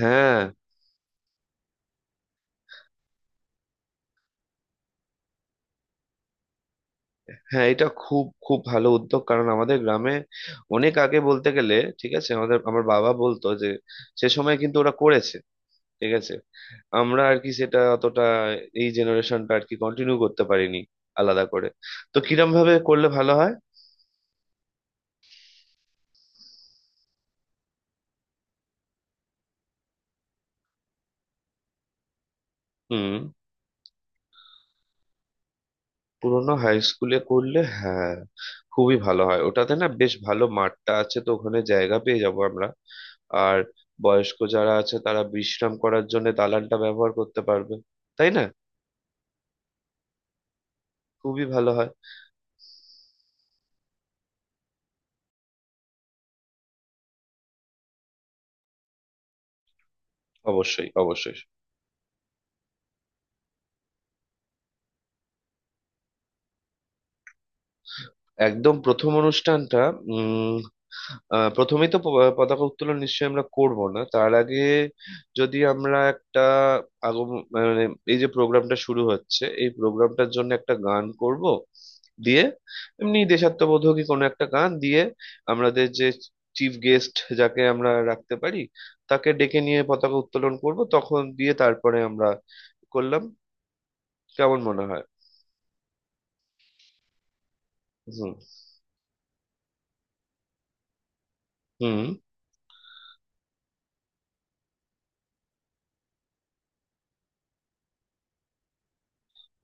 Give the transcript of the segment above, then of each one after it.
হ্যাঁ, এটা খুব খুব ভালো উদ্যোগ, কারণ আমাদের গ্রামে অনেক আগে বলতে গেলে ঠিক আছে, আমার বাবা বলতো যে সে সময় কিন্তু ওরা করেছে। ঠিক আছে, আমরা আর কি সেটা অতটা এই জেনারেশনটা আর কি কন্টিনিউ করতে পারিনি আলাদা করে। তো কিরম ভাবে করলে ভালো হয়? হুম। পুরোনো হাই স্কুলে করলে, হ্যাঁ, খুবই ভালো হয়। ওটাতে না বেশ ভালো মাঠটা আছে, তো ওখানে জায়গা পেয়ে যাবো আমরা। আর বয়স্ক যারা আছে তারা বিশ্রাম করার জন্য দালানটা ব্যবহার করতে পারবে, তাই না? খুবই ভালো হয়। অবশ্যই, অবশ্যই। একদম প্রথম অনুষ্ঠানটা উম প্রথমেই তো পতাকা উত্তোলন নিশ্চয়ই আমরা করব, না তার আগে যদি আমরা একটা আগম মানে এই যে প্রোগ্রামটা শুরু হচ্ছে এই প্রোগ্রামটার জন্য একটা গান করব দিয়ে, এমনি দেশাত্মবোধকই কোনো একটা গান দিয়ে। আমাদের যে চিফ গেস্ট যাকে আমরা রাখতে পারি তাকে ডেকে নিয়ে পতাকা উত্তোলন করব, তখন দিয়ে তারপরে আমরা করলাম। কেমন মনে হয়? হুম। হুম।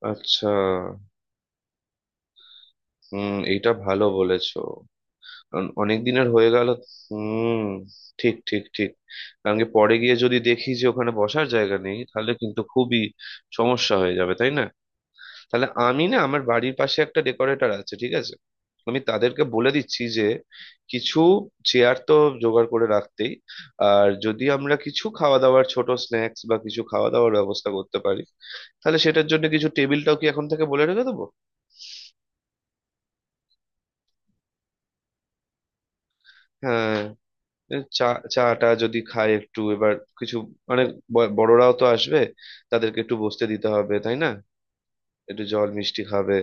আচ্ছা, হুম, এটা ভালো বলেছো, কারণ অনেক দিনের হয়ে গেল। হুম। ঠিক, ঠিক। কারণ কি পরে গিয়ে যদি দেখি যে ওখানে বসার জায়গা নেই, তাহলে কিন্তু খুবই সমস্যা হয়ে যাবে, তাই না? তাহলে আমি না আমার বাড়ির পাশে একটা ডেকোরেটর আছে, ঠিক আছে। আমি তাদেরকে বলে দিচ্ছি যে কিছু চেয়ার তো জোগাড় করে রাখতেই। আর যদি আমরা কিছু খাওয়া দাওয়ার ছোট স্ন্যাক্স বা কিছু খাওয়া দাওয়ার ব্যবস্থা করতে পারি, তাহলে সেটার জন্য কিছু টেবিলটাও কি এখন থেকে বলে রেখে দেবো? হ্যাঁ। চা, চাটা যদি খায় একটু এবার, কিছু মানে বড়রাও তো আসবে, তাদেরকে একটু বসতে দিতে হবে, তাই না? একটু জল মিষ্টি খাবে।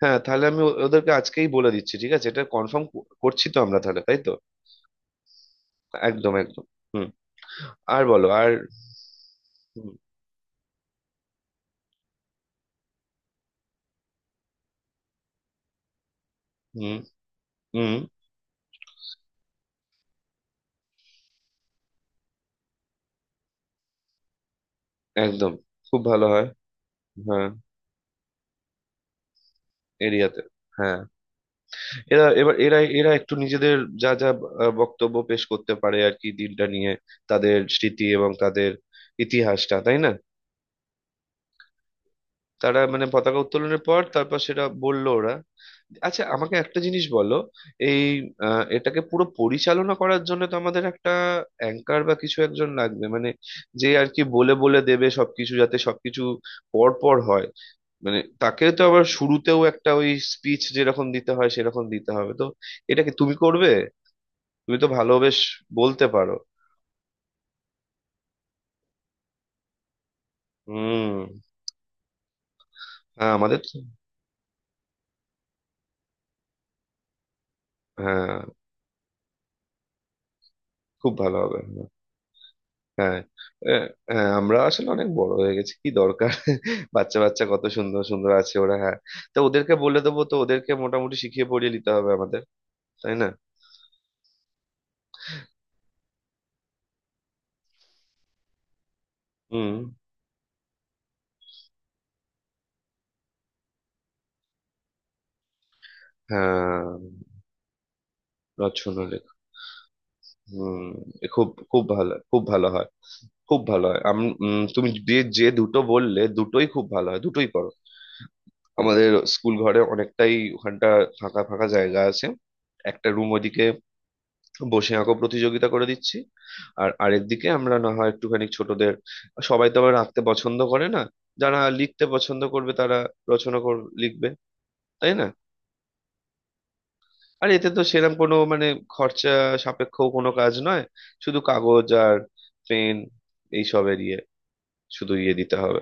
হ্যাঁ, তাহলে আমি ওদেরকে আজকেই বলে দিচ্ছি, ঠিক আছে? এটা কনফার্ম করছি তো আমরা তাহলে, তাই তো? একদম, একদম। হুম। আর বলো আর। হুম। হুম। হুম। একদম, খুব ভালো হয়। হ্যাঁ, এরিয়াতে। হ্যাঁ, এরা এবার এরা এরা একটু নিজেদের যা যা বক্তব্য পেশ করতে পারে আর কি, দিনটা নিয়ে তাদের স্মৃতি এবং তাদের ইতিহাসটা, তাই না? তারা মানে পতাকা উত্তোলনের পর তারপর সেটা বললো ওরা। আচ্ছা, আমাকে একটা জিনিস বলো। এই এটাকে পুরো পরিচালনা করার জন্য তো আমাদের একটা অ্যাঙ্কার বা কিছু একজন লাগবে। মানে যে আর কি বলে বলে দেবে সবকিছু, যাতে সবকিছু পর পর হয়। মানে তাকে তো আবার শুরুতেও একটা ওই স্পিচ যেরকম দিতে হয় সেরকম দিতে হবে তো। এটা কি তুমি করবে? তুমি তো ভালো বেশ বলতে পারো। হুম। হ্যাঁ, আমাদের তো- হ্যাঁ, খুব ভালো হবে। হ্যাঁ। আহ, হ্যাঁ, আমরা আসলে অনেক বড় হয়ে গেছি, কি দরকার। বাচ্চা বাচ্চা কত সুন্দর সুন্দর আছে ওরা, হ্যাঁ। তো ওদেরকে বলে দেবো, তো ওদেরকে মোটামুটি শিখিয়ে পড়িয়ে নিতে হবে আমাদের, তাই না? হুম। হ্যাঁ। রচনা লেখা। হুম। এ খুব খুব ভালো, খুব ভালো হয়। খুব ভালো হয়। আমি তুমি যে যে দুটো বললে দুটোই খুব ভালো হয়, দুটোই করো। আমাদের স্কুল ঘরে অনেকটাই ওখানটা ফাঁকা ফাঁকা জায়গা আছে। একটা রুম ওদিকে বসে আঁকো প্রতিযোগিতা করে দিচ্ছি, আর আরেকদিকে আমরা না হয় একটুখানি ছোটদের। সবাই তো আবার আঁকতে পছন্দ করে না, যারা লিখতে পছন্দ করবে তারা রচনা লিখবে, তাই না? আর এতে তো সেরকম কোনো মানে খরচা সাপেক্ষ কোনো কাজ নয়, শুধু কাগজ আর পেন এইসবের ইয়ে, শুধু ইয়ে দিতে হবে।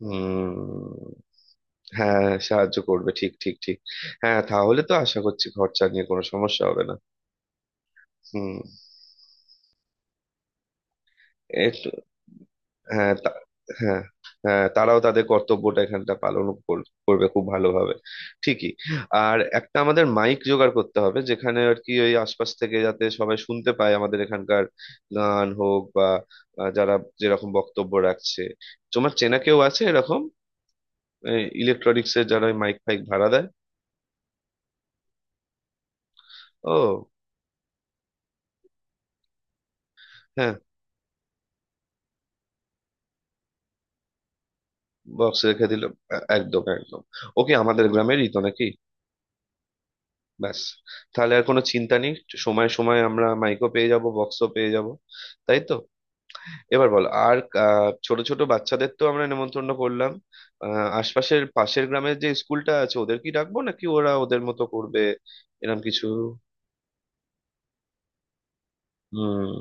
হুম। হ্যাঁ, হ্যাঁ, সাহায্য করবে। ঠিক, ঠিক। হ্যাঁ, তাহলে তো আশা করছি খরচা নিয়ে কোনো সমস্যা হবে না। হুম। হ্যাঁ তা- হ্যাঁ। হ্যাঁ, তারাও তাদের কর্তব্যটা এখানটা করবে খুব ভালোভাবে। ঠিকই। আর একটা আমাদের মাইক জোগাড় করতে হবে, যেখানে আর কি ওই আশপাশ থেকে যাতে সবাই শুনতে পায় আমাদের এখানকার গান হোক বা যারা যেরকম বক্তব্য রাখছে। তোমার চেনা কেউ আছে এরকম, ইলেকট্রনিক্স এর যারা মাইক ফাইক ভাড়া দেয়? ও, হ্যাঁ। বক্স রেখে দিল। একদম, একদম। ওকে আমাদের গ্রামেরই তো নাকি। ব্যাস, তাহলে আর কোনো চিন্তা নেই। সময় সময় আমরা মাইকও পেয়ে যাব, বক্সও পেয়ে যাব, তাই তো? এবার বলো আর। ছোট ছোট বাচ্চাদের তো আমরা নেমন্তন্ন করলাম। আশপাশের পাশের গ্রামের যে স্কুলটা আছে ওদের কি ডাকবো, নাকি ওরা ওদের মতো করবে এরকম কিছু? হুম।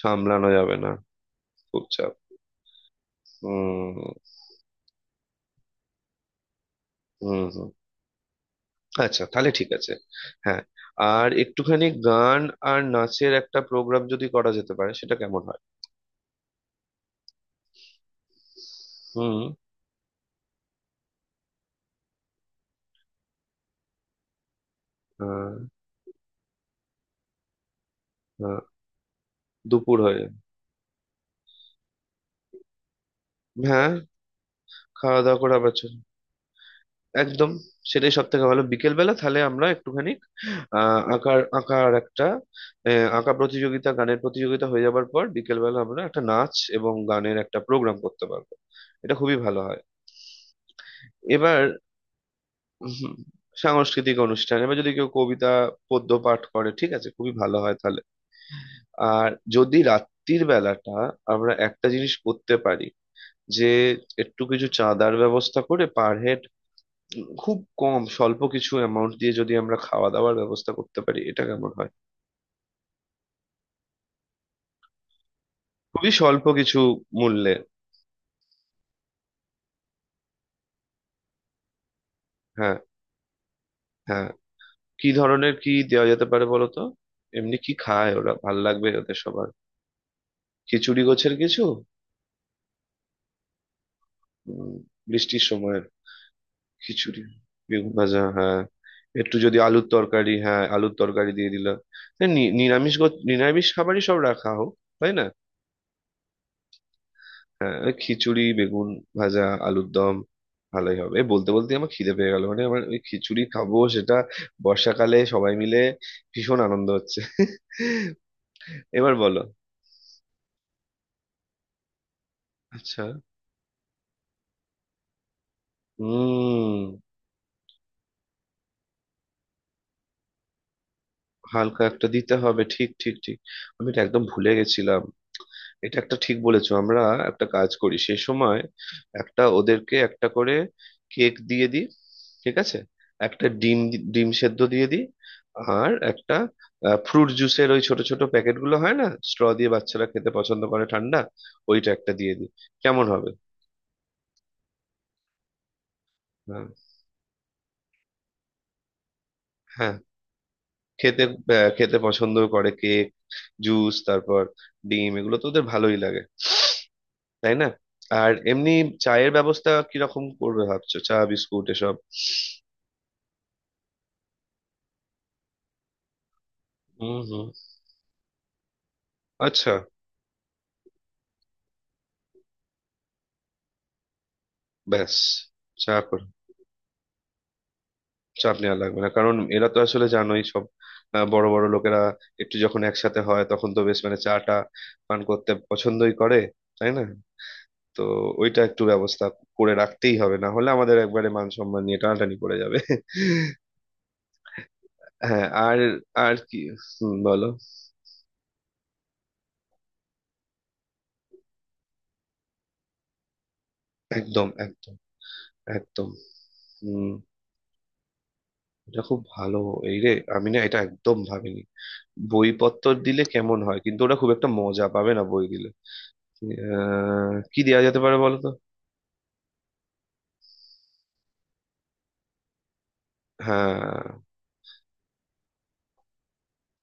সামলানো যাবে না, খুব চাপ। হুম। হুম। হুম। আচ্ছা, তাহলে ঠিক আছে। হ্যাঁ। আর একটুখানি গান আর নাচের একটা প্রোগ্রাম যদি করা যেতে পারে, সেটা কেমন হয়? হুম। হ্যাঁ। হ্যাঁ, দুপুর হয়ে। হ্যাঁ, খাওয়া দাওয়া করে আবার চল। একদম, সেটাই সব থেকে ভালো। বিকেল বেলা তাহলে আমরা একটুখানি আহ আঁকার আঁকার একটা আঁকা প্রতিযোগিতা গানের প্রতিযোগিতা হয়ে যাবার পর বিকেল বেলা আমরা একটা নাচ এবং গানের একটা প্রোগ্রাম করতে পারবো। এটা খুবই ভালো হয়। এবার হুম, সাংস্কৃতিক অনুষ্ঠান এবার যদি কেউ কবিতা পদ্য পাঠ করে, ঠিক আছে, খুবই ভালো হয় তাহলে। আর যদি রাত্রির বেলাটা আমরা একটা জিনিস করতে পারি, যে একটু কিছু চাঁদার ব্যবস্থা করে পার হেড খুব কম স্বল্প কিছু অ্যামাউন্ট দিয়ে যদি আমরা খাওয়া দাওয়ার ব্যবস্থা করতে পারি, এটা কেমন হয়? খুবই স্বল্প কিছু মূল্যে। হ্যাঁ। হ্যাঁ, কি ধরনের কি দেওয়া যেতে পারে বলো তো? এমনি কি খায় ওরা, ভাল লাগবে ওদের সবার? খিচুড়ি গোছের কিছু। উম, বৃষ্টির সময় খিচুড়ি বেগুন ভাজা, হ্যাঁ। একটু যদি আলুর তরকারি, হ্যাঁ, আলুর তরকারি দিয়ে দিলাম। হ্যাঁ, নিরামিষ খাবারই সব রাখা হোক, তাই না? হ্যাঁ, ওই খিচুড়ি বেগুন ভাজা আলুর দম ভালোই হবে। এ বলতে বলতে আমার খিদে পেয়ে গেল, মানে আমার ওই খিচুড়ি খাবো সেটা বর্ষাকালে সবাই মিলে। ভীষণ আনন্দ হচ্ছে। এবার বলো। আচ্ছা। হুম। হালকা একটা দিতে হবে। ঠিক, ঠিক। আমি এটা একদম ভুলে গেছিলাম। এটা একটা ঠিক বলেছো। আমরা একটা কাজ করি সেই সময়, একটা ওদেরকে একটা করে কেক দিয়ে দিই, ঠিক আছে, একটা ডিম, ডিম সেদ্ধ দিয়ে দিই। আর একটা ফ্রুট জুসের ওই ছোট ছোট প্যাকেটগুলো হয় না স্ট্র দিয়ে, বাচ্চারা খেতে পছন্দ করে ঠান্ডা, ওইটা একটা দিয়ে দিই। কেমন হবে? হ্যাঁ, হ্যাঁ। খেতে খেতে পছন্দ করে কেক, জুস, তারপর ডিম, এগুলো তো ওদের ভালোই লাগে, তাই না? আর এমনি চায়ের ব্যবস্থা কিরকম করবে ভাবছো, চা বিস্কুট এসব? হুম। হুম। আচ্ছা। ব্যাস। চা কর চাপ নেওয়া লাগবে না, কারণ এরা তো আসলে জানোই সব বড় বড় লোকেরা একটু যখন একসাথে হয় তখন তো বেশ মানে চাটা পান করতে পছন্দই করে, তাই না? তো ওইটা একটু ব্যবস্থা করে রাখতেই হবে, না হলে আমাদের একবারে মান সম্মান নিয়ে টানাটানি পড়ে যাবে। হ্যাঁ, আর আর কি। হুম, বলো। একদম, একদম, একদম। হুম। এটা খুব ভালো। এই রে, আমি না এটা একদম ভাবিনি। বইপত্র দিলে কেমন হয়, কিন্তু ওরা খুব একটা মজা পাবে না বই দিলে। কি দেওয়া যেতে পারে বলো তো? হ্যাঁ।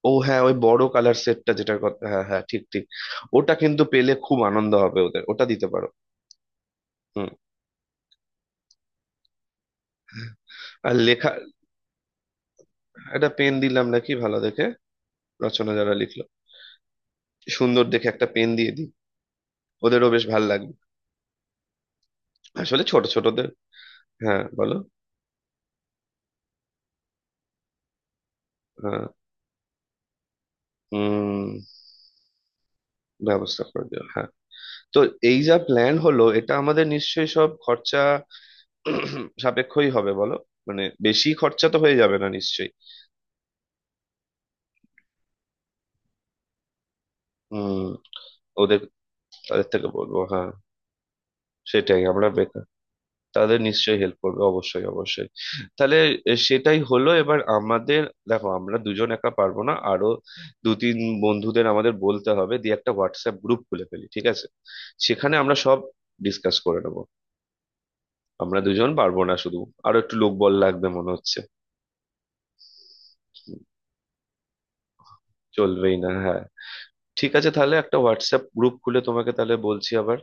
ও হ্যাঁ, ওই বড় কালার সেটটা, যেটার কথা, হ্যাঁ হ্যাঁ, ঠিক, ঠিক। ওটা কিন্তু পেলে খুব আনন্দ হবে ওদের, ওটা দিতে পারো। হুম। আর লেখা, একটা পেন দিলাম নাকি ভালো দেখে? রচনা যারা লিখলো সুন্দর দেখে একটা পেন দিয়ে দিই, ওদেরও বেশ ভালো লাগবে। আসলে ছোট ছোটদের। হ্যাঁ, বলো। হ্যাঁ। উম। ব্যবস্থা করে দিও, হ্যাঁ। তো এই যা প্ল্যান হলো এটা আমাদের নিশ্চয়ই সব খরচা সাপেক্ষই হবে, বলো? মানে বেশি খরচা তো হয়ে যাবে না নিশ্চয়ই। হুম। ওদের তাদের থেকে বলবো, হ্যাঁ। সেটাই, আমরা বেকার। তাদের নিশ্চয়ই হেল্প করবে, অবশ্যই, অবশ্যই। তাহলে এ, সেটাই হলো। এবার আমাদের, দেখো আমরা দুজন একা পারবো না, আরো দু তিন বন্ধুদের আমাদের বলতে হবে, দিয়ে একটা হোয়াটসঅ্যাপ গ্রুপ খুলে ফেলি, ঠিক আছে? সেখানে আমরা সব ডিসকাস করে নেবো। আমরা দুজন পারবো না শুধু, আরো একটু লোকবল লাগবে মনে হচ্ছে। চলবেই না, হ্যাঁ। ঠিক আছে, তাহলে একটা হোয়াটসঅ্যাপ গ্রুপ খুলে তোমাকে তাহলে বলছি আবার।